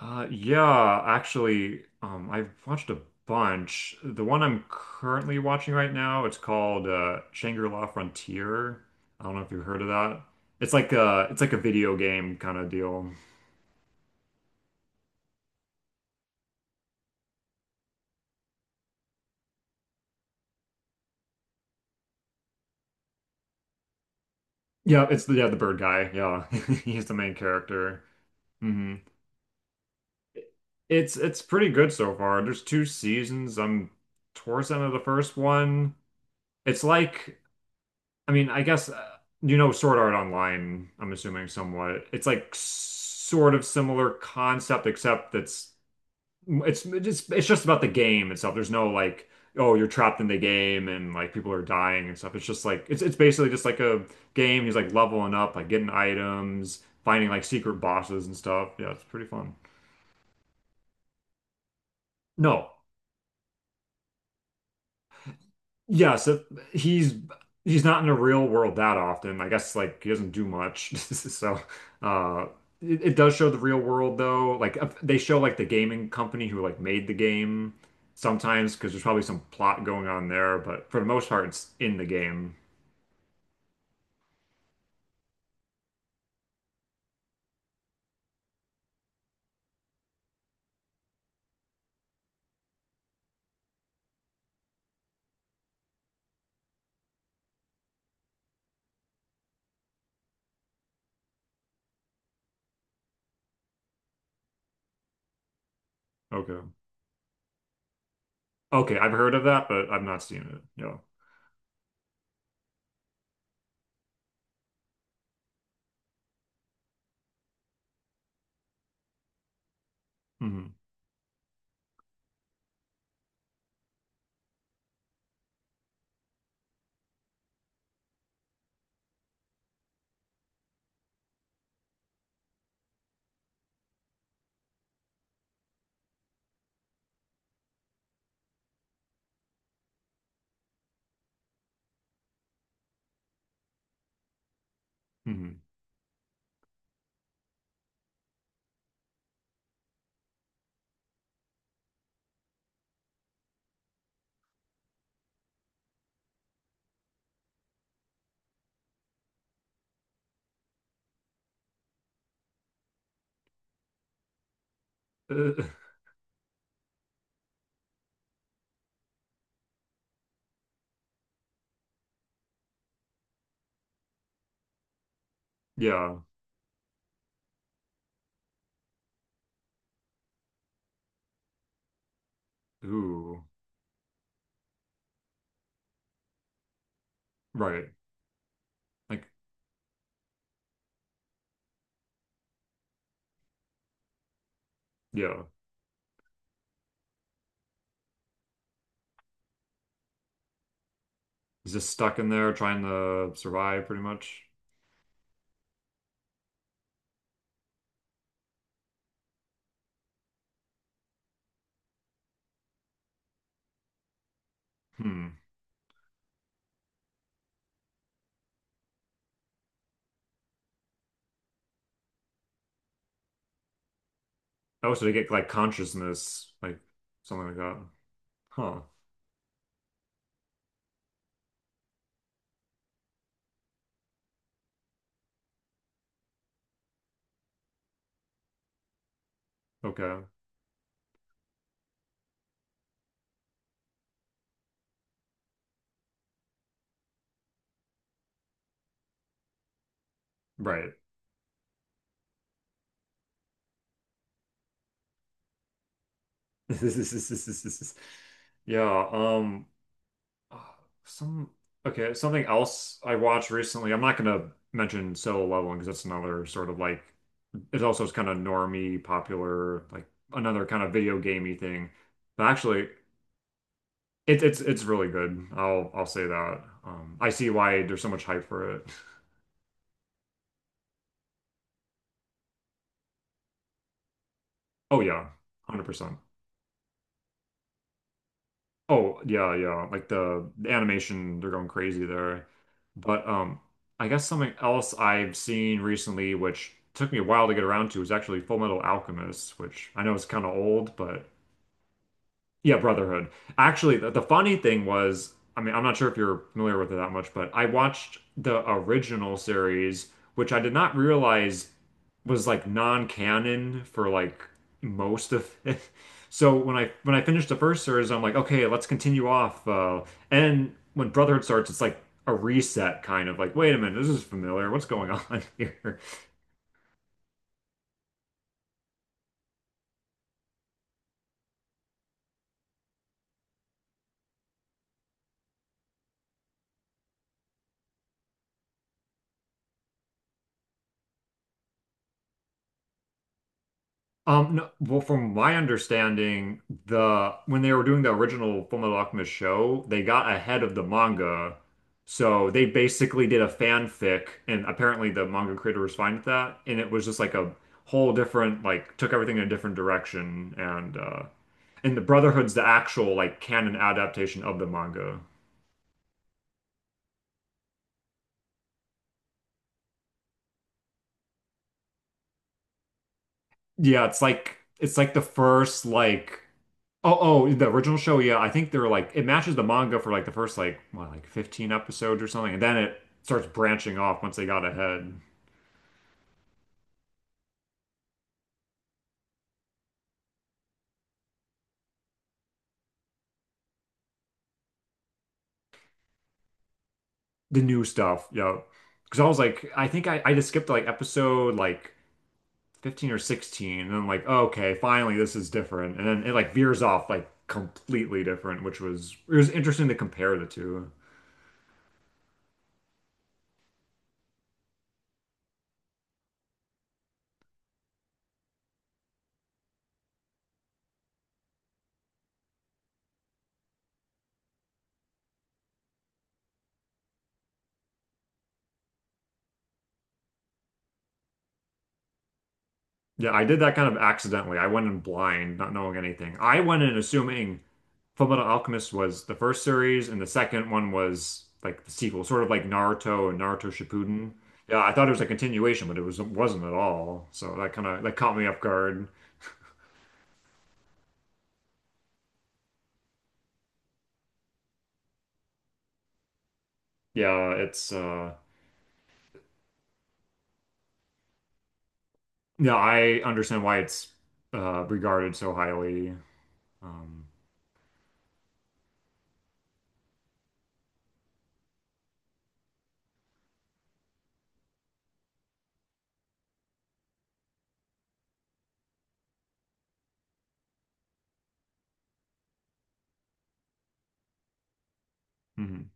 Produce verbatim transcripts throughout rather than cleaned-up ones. Uh, yeah, actually, um, I've watched a bunch. The one I'm currently watching right now, it's called uh, Shangri-La Frontier. I don't know if you've heard of that. It's like a it's like a video game kind of deal. Yeah, it's the, yeah, the bird guy. Yeah, he's the main character. Hmm. It's it's pretty good so far. There's two seasons. I'm towards the end of the first one. It's like, I mean, I guess, uh, you know Sword Art Online, I'm assuming somewhat. It's like s- sort of similar concept, except that's it's it's it's just about the game itself. There's no like, oh, you're trapped in the game and like people are dying and stuff. It's just like it's it's basically just like a game. He's like leveling up, like getting items, finding like secret bosses and stuff. Yeah, it's pretty fun. No, yeah, so he's he's not in the real world that often. I guess like he doesn't do much. So uh it, it does show the real world though. Like uh, they show like the gaming company who like made the game sometimes because there's probably some plot going on there, but for the most part it's in the game. Okay. Okay, I've heard of that, but I've not seen it. Yeah. Hmm. Hmm. Uh, yeah. Ooh. Right. Like, yeah. He's just stuck in there trying to survive pretty much. Hmm. Oh, so they get like consciousness, like something like that. Huh. Okay. Right. Yeah. Um. uh, Some. Okay. Something else I watched recently. I'm not gonna mention Solo Leveling because that's another sort of like, it also is kind of normie, popular, like another kind of video gamey thing. But actually, it's it's it's really good. I'll I'll say that. Um, I see why there's so much hype for it. Oh yeah, one hundred percent. Oh, yeah, yeah. Like the, the animation, they're going crazy there. But um I guess something else I've seen recently, which took me a while to get around to, is actually Full Metal Alchemist, which I know is kind of old, but yeah, Brotherhood. Actually, the, the funny thing was, I mean, I'm not sure if you're familiar with it that much, but I watched the original series, which I did not realize was like non-canon for like most of it. So when I when I finished the first series, I'm like, okay, let's continue off. Uh, and when Brotherhood starts, it's like a reset, kind of like, wait a minute, this is familiar. What's going on here? Um, no, well, from my understanding, the when they were doing the original Fullmetal Alchemist show, they got ahead of the manga, so they basically did a fanfic, and apparently the manga creator was fine with that, and it was just like a whole different, like took everything in a different direction, and uh, and the Brotherhood's the actual like canon adaptation of the manga. Yeah, it's like it's like the first like. Oh, oh, the original show, yeah. I think they're like it matches the manga for like the first like what, like fifteen episodes or something, and then it starts branching off once they got ahead. The new stuff, yeah. Because I was like, I think I, I just skipped like episode like fifteen or sixteen, and I'm like, oh, okay, finally this is different. And then it like veers off like completely different, which was it was interesting to compare the two. Yeah, I did that kind of accidentally. I went in blind, not knowing anything. I went in assuming Fullmetal Alchemist was the first series, and the second one was like the sequel, sort of like Naruto and Naruto Shippuden. Yeah, I thought it was a continuation, but it was it wasn't at all. So that kind of that caught me off guard. Yeah, it's uh yeah, I understand why it's uh regarded so highly. Um, mhm.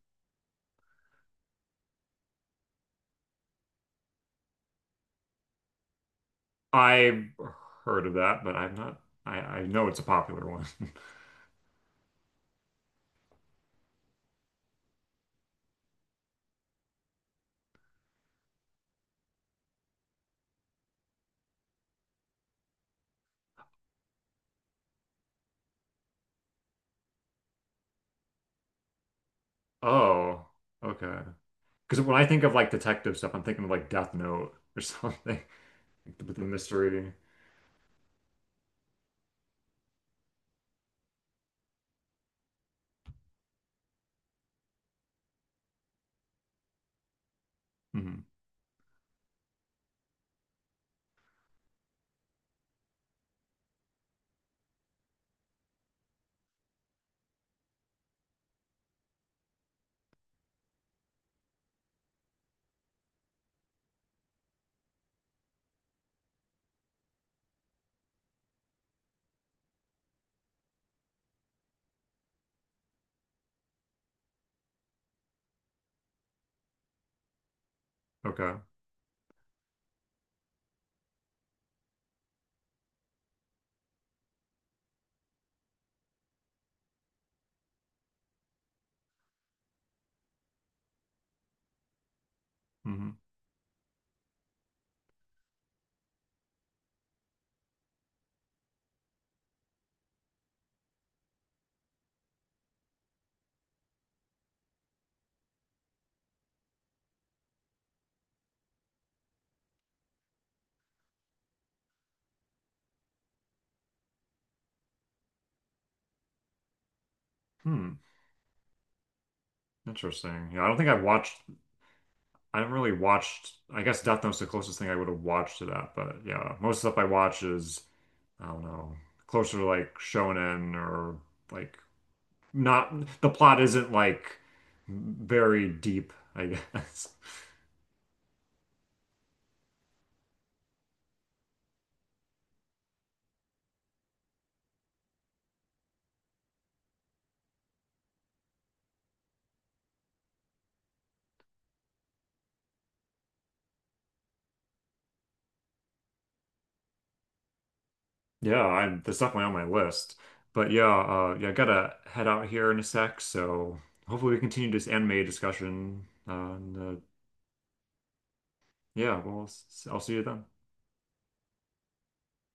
I've heard of that, but I've not, I I know it's a popular one. Oh, okay. Because when I think of like detective stuff, I'm thinking of like Death Note or something with the mystery. Hmm. Okay. Hmm. Hmm. Interesting. Yeah, I don't think I've watched. I haven't really watched. I guess Death Note's the closest thing I would have watched to that. But yeah, most stuff I watch is, I don't know, closer to like shonen or like not. The plot isn't like very deep. I guess. Yeah, I'm, that's definitely on my list. But yeah, uh, yeah, I gotta head out here in a sec. So hopefully we continue this anime discussion. Uh, and, uh, yeah, well, s- I'll see you then.